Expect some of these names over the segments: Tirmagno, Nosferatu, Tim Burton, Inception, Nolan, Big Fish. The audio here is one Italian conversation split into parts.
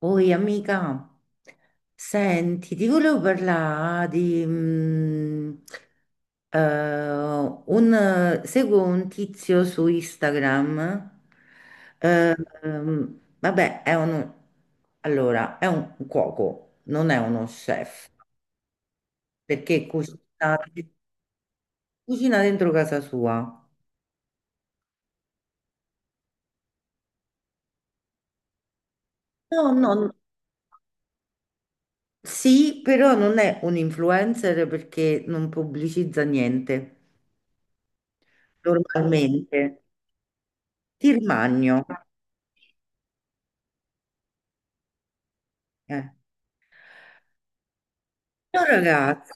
Oi amica, senti, ti volevo parlare di eh, seguo un tizio su Instagram. eh, Vabbè, allora, è un cuoco, non è uno chef, perché cucina dentro casa sua. No, no, sì, però non è un influencer perché non pubblicizza niente normalmente. Tirmagno, eh. È un ragazzo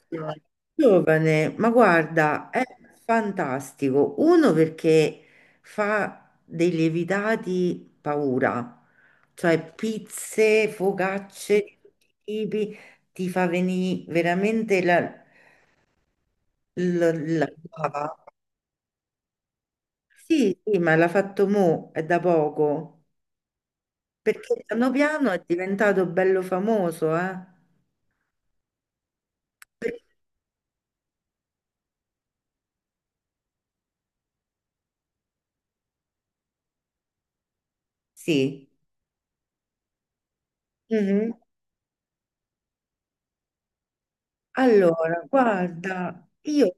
giovane, ma guarda, è fantastico. Uno perché fa dei lievitati paura, cioè pizze, focacce di tutti i tipi, ti fa venire veramente la bava. Sì, sì, ma l'ha fatto mo, è da poco, perché piano piano è diventato bello famoso, eh? Per- Sì. Mhm. Allora, guarda,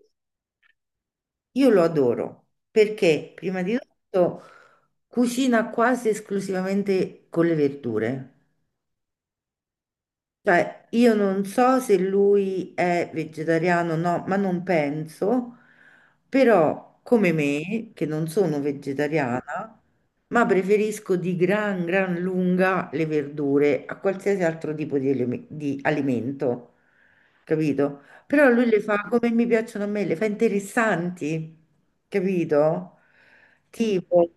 io lo adoro perché prima di tutto cucina quasi esclusivamente con le verdure. Cioè, io non so se lui è vegetariano o no, ma non penso, però come me, che non sono vegetariana, ma preferisco di gran lunga le verdure a qualsiasi altro tipo di alimento, capito? Però lui le fa come mi piacciono a me, le fa interessanti, capito? Tipo,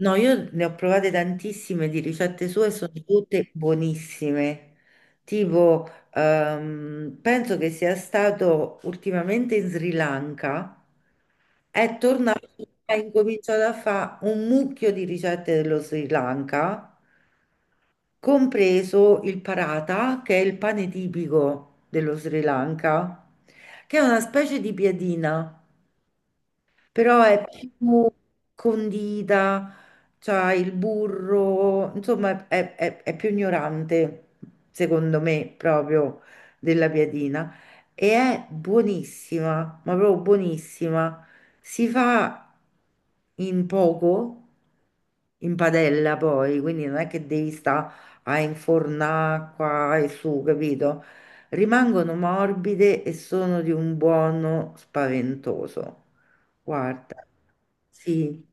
no, io ne ho provate tantissime di ricette sue, e sono tutte buonissime. Tipo, penso che sia stato ultimamente in Sri Lanka, è tornato e ha incominciato a fare un mucchio di ricette dello Sri Lanka, compreso il parata, che è il pane tipico dello Sri Lanka, che è una specie di piadina però è più condita, c'ha il burro, insomma è più ignorante, secondo me, proprio della piadina. E è buonissima, ma proprio buonissima. Si fa in poco, in padella poi, quindi non è che devi stare a infornare qua e su, capito? Rimangono morbide e sono di un buono spaventoso. Guarda, sì.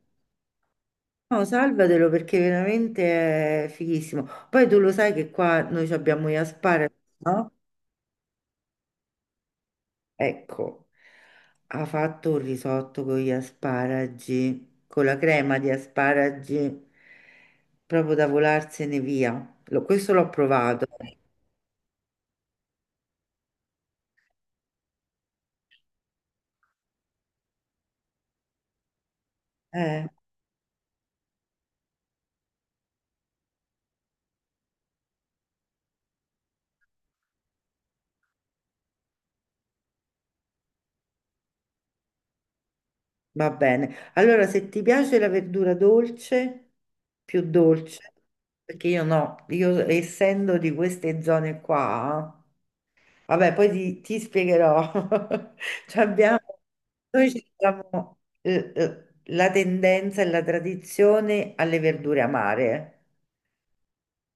No, salvatelo perché veramente è fighissimo. Poi tu lo sai che qua noi ci abbiamo gli asparagi, no? Ecco, ha fatto un risotto con gli asparagi, con la crema di asparagi, proprio da volarsene via. Questo l'ho provato. Eh, va bene. Allora, se ti piace la verdura dolce, più dolce, perché io no, io essendo di queste zone qua. Vabbè, poi ti spiegherò. Cioè abbiamo, noi ci abbiamo la tendenza e la tradizione alle verdure amare. Eh.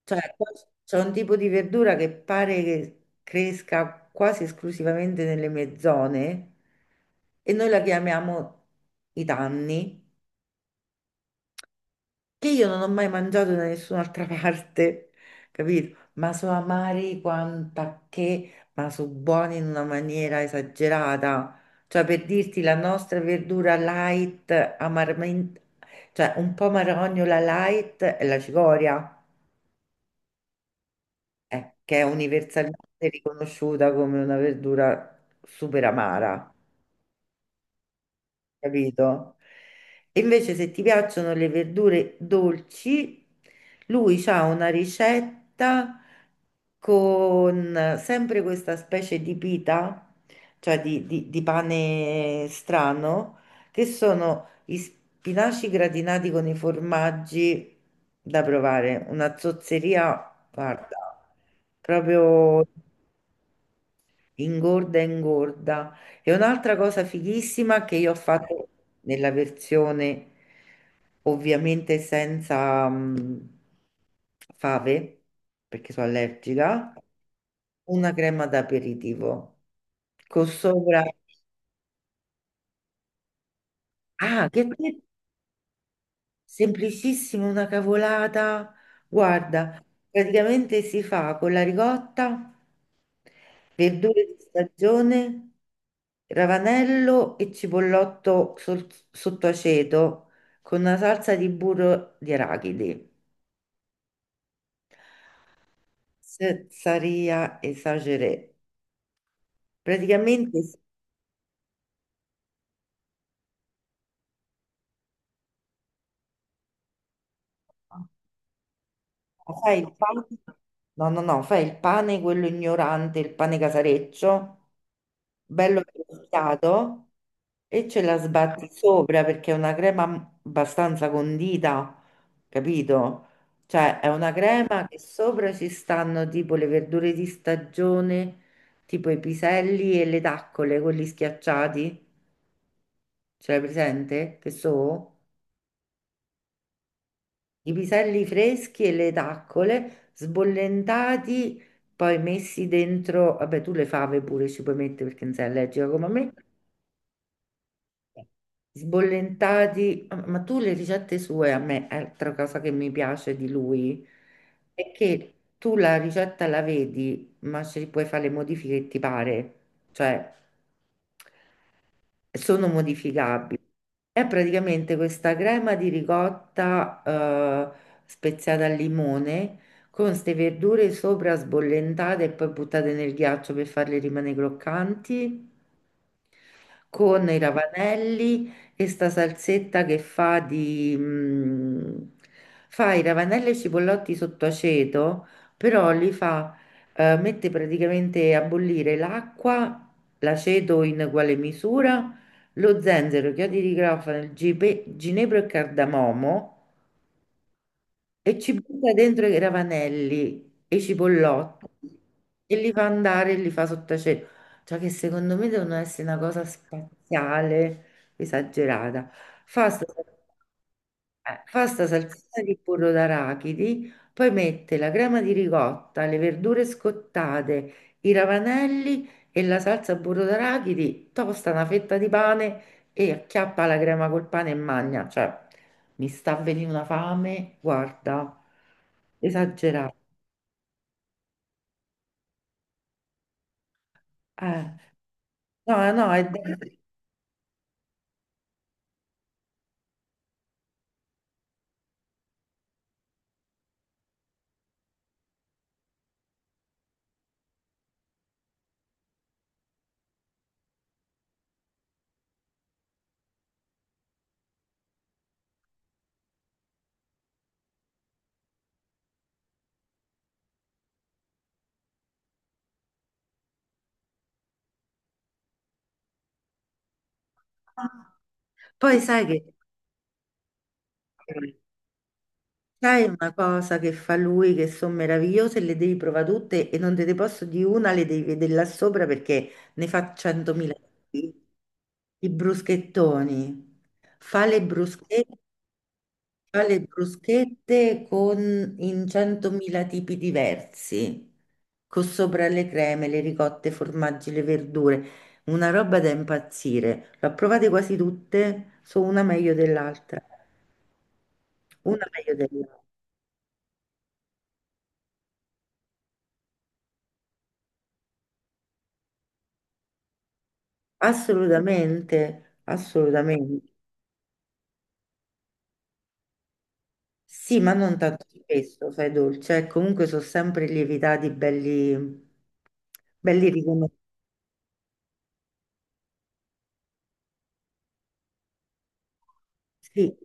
Cioè, qua c'è un tipo di verdura che pare che cresca quasi esclusivamente nelle mie zone e noi la chiamiamo i tanni, che io non ho mai mangiato da nessun'altra parte, capito? Ma sono amari quanta che, ma sono buoni in una maniera esagerata. Cioè, per dirti, la nostra verdura light, amaramente, cioè un po' marognola light, è la cicoria, che è universalmente riconosciuta come una verdura super amara. Capito? E invece se ti piacciono le verdure dolci, lui ha una ricetta con sempre questa specie di pita, cioè di pane strano, che sono gli spinaci gratinati con i formaggi da provare, una zozzeria, guarda, proprio... Ingorda, ingorda. E un'altra cosa fighissima che io ho fatto nella versione ovviamente senza fave, perché sono allergica, una crema d'aperitivo con sopra... Ah, semplicissima, una cavolata. Guarda, praticamente si fa con la ricotta. Verdure di stagione, ravanello e cipollotto sotto aceto con una salsa di burro di arachidi. Cezzaria esageré. Praticamente si- Fai il pane, no, no, no, fai il pane quello ignorante, il pane casareccio, bello pescato e ce la sbatti sopra perché è una crema abbastanza condita, capito? Cioè è una crema che sopra ci stanno tipo le verdure di stagione, tipo i piselli e le taccole, quelli schiacciati, ce l'hai presente? Che so? I piselli freschi e le taccole sbollentati, poi messi dentro, vabbè tu le fave pure ci puoi mettere perché non sei allergica come me, sbollentati, ma tu le ricette sue a me, è altra cosa che mi piace di lui, è che tu la ricetta la vedi, ma ci puoi fare le modifiche che ti pare, cioè sono modificabili. È praticamente questa crema di ricotta, speziata al limone con queste verdure sopra sbollentate e poi buttate nel ghiaccio per farle rimanere croccanti con i ravanelli e sta salsetta che fa di... fa i ravanelli e i cipollotti sotto aceto, però li fa, mette praticamente a bollire l'acqua, l'aceto in uguale misura, lo zenzero, chiodi di garofano, il ginepro e cardamomo e ci butta dentro i ravanelli e i cipollotti e li fa andare e li fa sott'acido. Cioè che secondo me devono essere una cosa spaziale, esagerata. Fa sto- eh, fa sta salsina di burro d'arachidi, poi mette la crema di ricotta, le verdure scottate, i ravanelli e la salsa burro d'arachidi, tosta una fetta di pane e acchiappa la crema col pane e magna. Cioè, mi sta venendo una fame, guarda, esagerato. Eh, no, no, è... Poi sai che... Sai una cosa che fa lui che sono meravigliose, le devi provare tutte e non te ne posso di una, le devi vedere là sopra perché ne fa 100.000 tipi. I bruschettoni. Fa le bruschette, fa le bruschette con, in 100.000 tipi diversi, con sopra le creme, le ricotte, i formaggi, le verdure. Una roba da impazzire. L'ho provate quasi tutte, sono una meglio dell'altra. Una meglio dell'altra. Assolutamente, assolutamente. Sì, ma non tanto spesso, sai, dolce. Eh, comunque sono sempre lievitati belli, belli riconosciuti. Sì,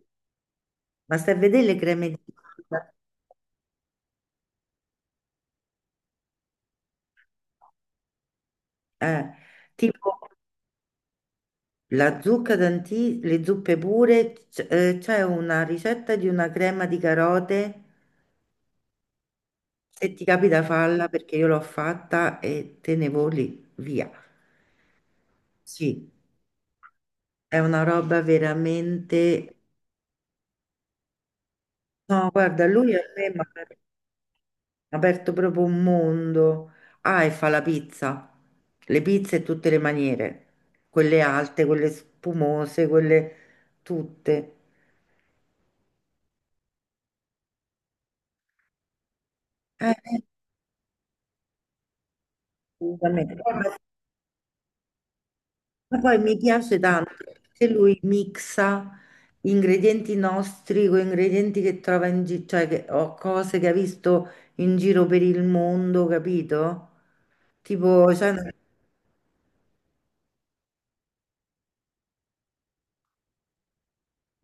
ma stai a vedere le creme di zucca, eh, tipo la zucca d'anti, le zuppe pure, c'è una ricetta di una crema di carote. Se ti capita falla perché io l'ho fatta e te ne voli via. Sì, è una roba veramente no, guarda, lui a me mi ha aperto proprio un mondo. Ah, e fa la pizza, le pizze in tutte le maniere, quelle alte, quelle spumose, quelle tutte. Eh, assolutamente. Ma poi mi piace tanto che lui mixa ingredienti nostri con ingredienti che trova in giro, cioè che, o cose che ha visto in giro per il mondo, capito? Tipo, c'è una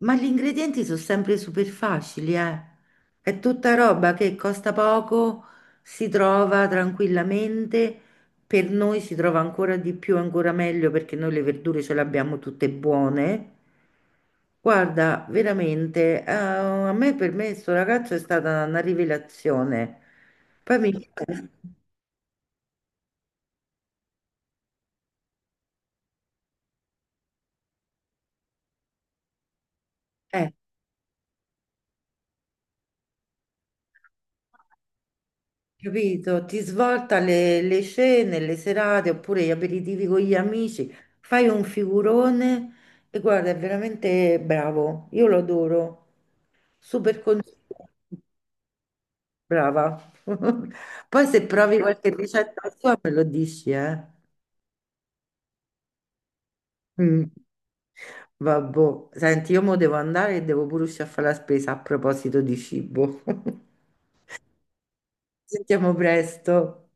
ma gli ingredienti sono sempre super facili, eh. È tutta roba che costa poco, si trova tranquillamente, per noi si trova ancora di più, ancora meglio perché noi le verdure ce le abbiamo tutte buone. Guarda, veramente, a me per me sto ragazzo è stata una rivelazione. Poi mi... Eh, capito? Ti svolta le cene, le serate oppure gli aperitivi con gli amici, fai un figurone e guarda, è veramente bravo. Io lo adoro. Super consiglio. Brava. Poi se provi qualche ricetta sua me lo dici, eh? Mm, vabbò. Senti, io mo devo andare e devo pure uscire a fare la spesa a proposito di cibo. Sentiamo presto.